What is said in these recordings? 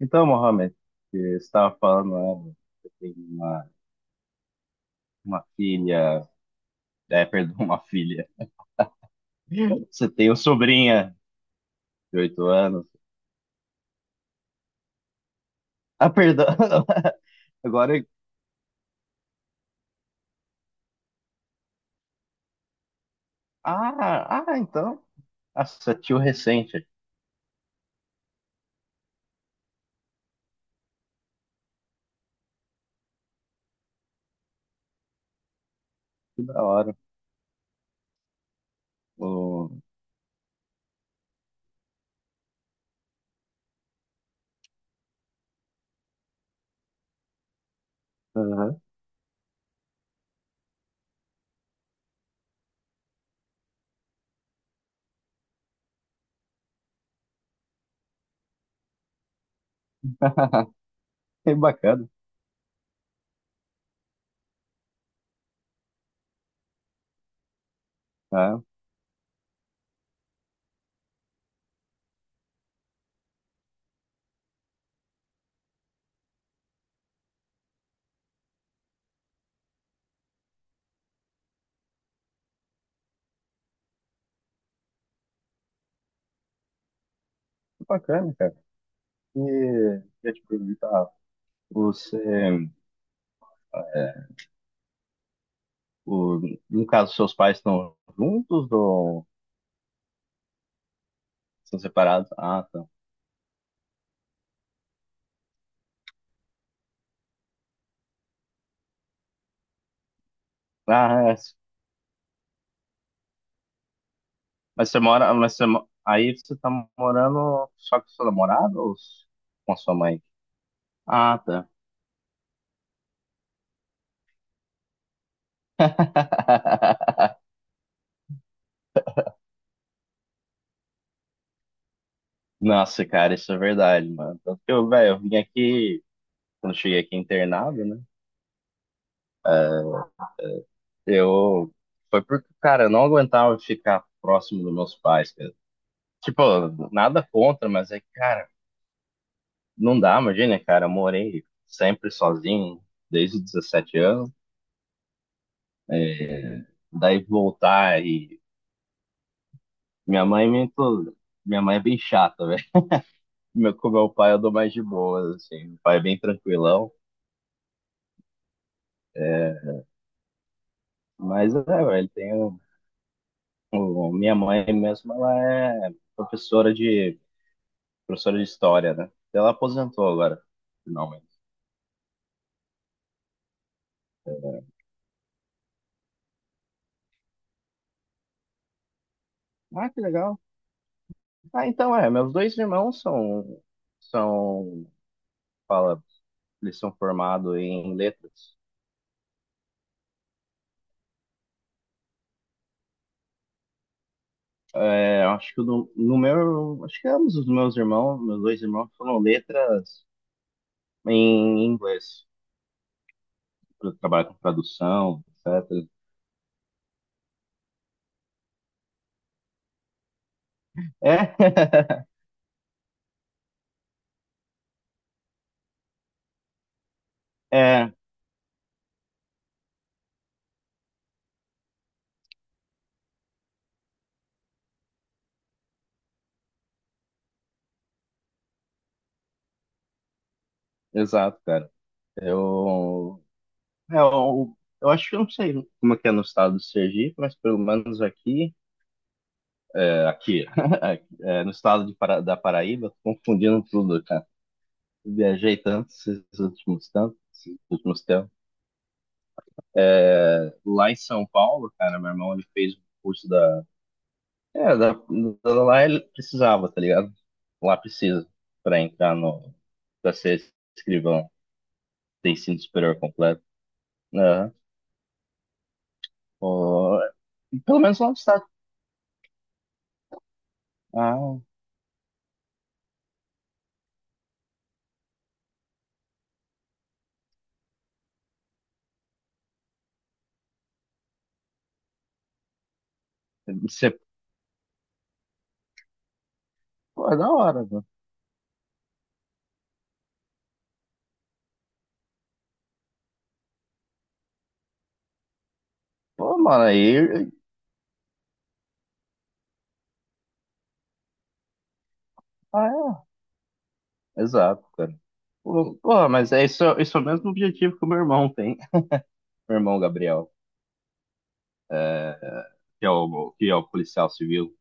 Então, Mohamed, que você estava falando, né, você tem uma filha, perdão, uma filha. Você tem uma sobrinha de 8 anos. Ah, perdão. Agora, então. Nossa, tio recente. Que da hora. O- Aham. Que bacana, tá? Que bacana, cara. E eu te perguntar, você, é, o, no caso, seus pais estão juntos ou são separados? Ah, tá. Ah, é. Mas você mora, mas você, mo- Aí você tá morando só com seu namorado ou com a sua mãe? Ah, tá. Nossa, cara, isso é verdade, mano. Tanto que eu, velho, eu vim aqui, quando eu cheguei aqui internado, né? Eu, Foi porque, cara, eu não aguentava ficar próximo dos meus pais, cara. Tipo, nada contra, mas é que, cara, não dá, imagina, cara, eu morei sempre sozinho desde os 17 anos. é, Daí voltar e Minha mãe é muito. Minha mãe é bem chata, velho. Com meu pai eu dou mais de boas, assim. Meu pai é bem tranquilão. É, mas é, velho, minha mãe mesmo, ela é professora de história, né? Ela aposentou agora, finalmente. Ah, que legal. Ah, então meus dois irmãos são fala, eles são formados em letras. É, acho que no, no meu, acho que ambos os meus irmãos, meus dois irmãos foram letras em inglês, para trabalhar com tradução, etc. É, é, exato, cara. Eu, é, eu, eu acho que eu não sei como é que é no estado do Sergipe, mas pelo menos aqui, aqui, no estado de da Paraíba, tô confundindo tudo, cara. Viajei tanto esses últimos tempos. Lá em São Paulo, cara, meu irmão ele fez um curso da É, da, da- da lá ele precisava, tá ligado? Lá precisa pra entrar no, pra ser escrivão, ter ensino superior completo. Aham. Pô, pelo menos lá no estado. Ah, você, pô, é da hora, mano. Pô, mano, aí, ah, exato, cara. Pô, mas é isso, é, isso é o mesmo objetivo que o meu irmão tem. Meu irmão Gabriel, que é o policial civil,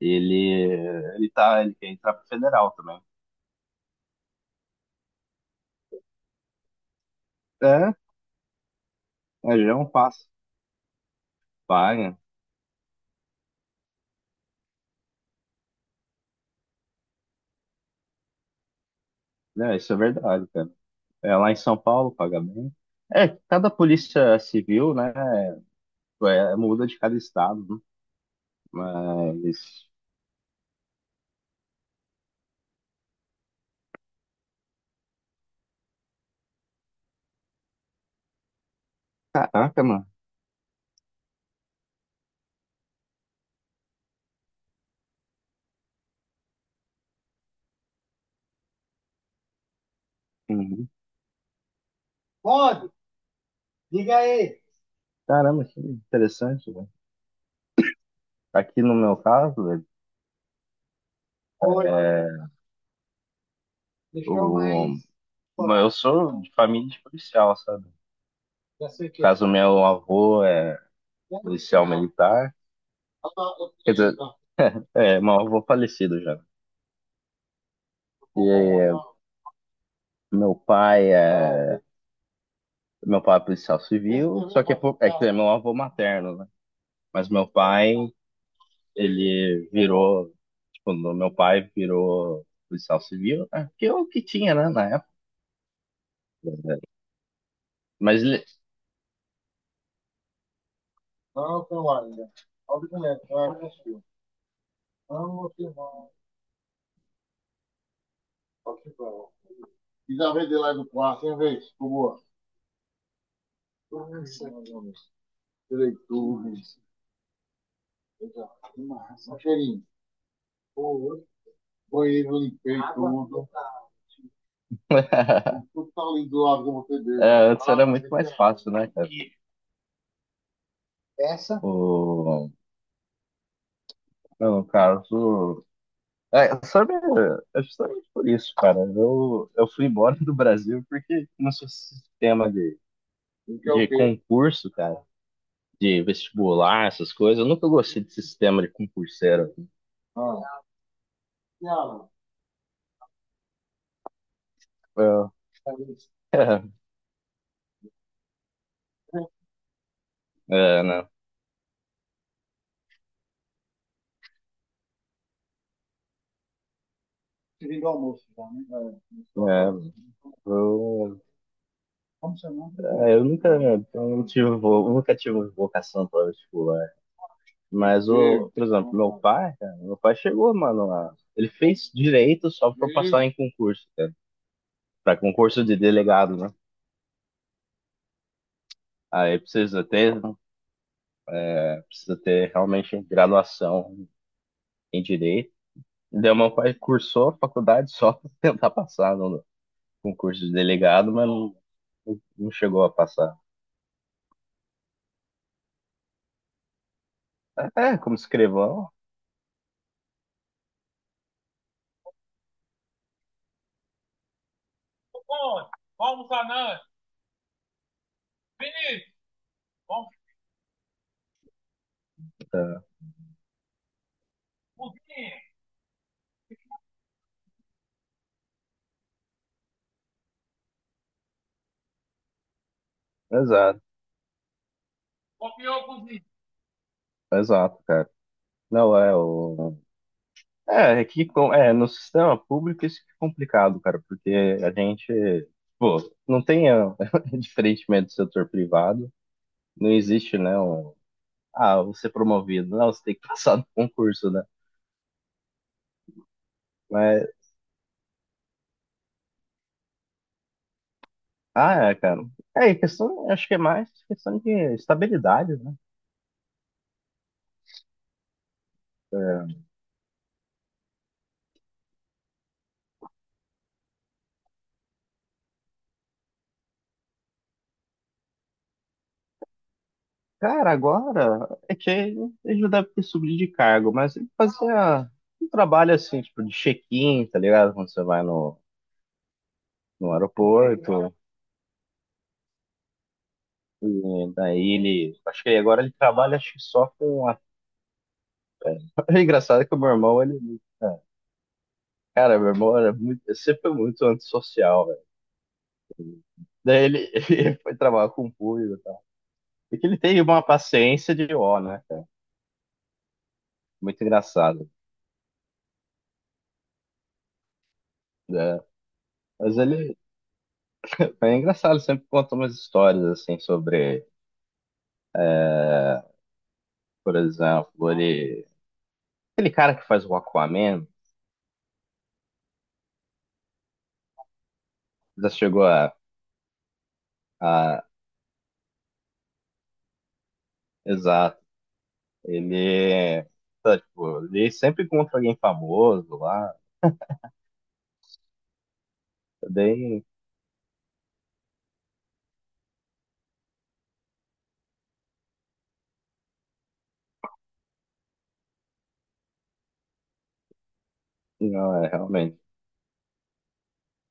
ele, ele quer entrar pro federal também. É, É já é um passo. Paga. É, isso é verdade, cara. É, lá em São Paulo paga bem. É, cada polícia civil, né, muda de cada estado, né? Mas, caraca, mano. Uhum. Pode, diga aí. Caramba, que interessante, né? Aqui no meu caso, velho, oi, é, deixou o, mais. Eu sou de família de policial, sabe? Já sei o que é. Caso, meu avô é policial militar, quer dizer, meu avô falecido já. E meu pai é Meu pai é policial civil, só que é que é meu avô materno, né? Mas meu pai, ele virou, tipo, meu pai virou policial civil, né? Que é o que tinha, né, na época. Mas ele, não, não ainda. Olha o não é. Não, tem não. Só que não. E lá do quarto, hein, vez? Por boa. Direitores. Um cheirinho. Pô, banheiro limpei. Tudo tá lindo. Antes era muito mais fácil, né, cara? Essa? No caso. É, sabe, é justamente por isso, cara. Eu fui embora do Brasil porque nosso sistema de, porque é o de quê? Concurso, cara, de vestibular, essas coisas. Eu nunca gostei desse sistema de concurseiro. Ah, não. Eu, é, né? Vindo do almoço já, né? É, do é, eu, como seu nome? é, eu nunca, eu nunca tive vocação para vestibular. Por exemplo, meu pai, cara, meu pai chegou, mano, lá ele fez direito só pra passar em concurso, cara, para concurso de delegado, né? Aí precisa ter realmente graduação em direito. Então, meu pai cursou a faculdade só pra tentar passar no concurso de delegado, mas não chegou a passar. É, como escrivão, tá. Exato, exato, cara. Não é o. No sistema público isso que é complicado, cara, porque a gente, pô, não tem, diferentemente do setor privado, não existe, né, você é promovido, não, você tem que passar no concurso, né? Mas, cara, acho que é mais questão de estabilidade, né? é, Cara, agora é que ele já deve ter subido de cargo, mas ele fazia um trabalho assim, tipo, de check-in, tá ligado? Quando você vai no, no aeroporto, e daí ele, acho que agora ele trabalha acho que só com a... É engraçado que o meu irmão, cara, meu irmão sempre foi muito antissocial, velho. Daí ele, ele foi trabalhar com o público e tal. E que ele tem uma paciência de ó, né, cara? Muito engraçado, né? Mas ele, é engraçado, ele sempre conta umas histórias, assim, sobre, por exemplo, ele, aquele cara que faz o Aquaman, já chegou a, a, exato, ele, tá, tipo, ele sempre encontra alguém famoso lá, bem, não, é realmente.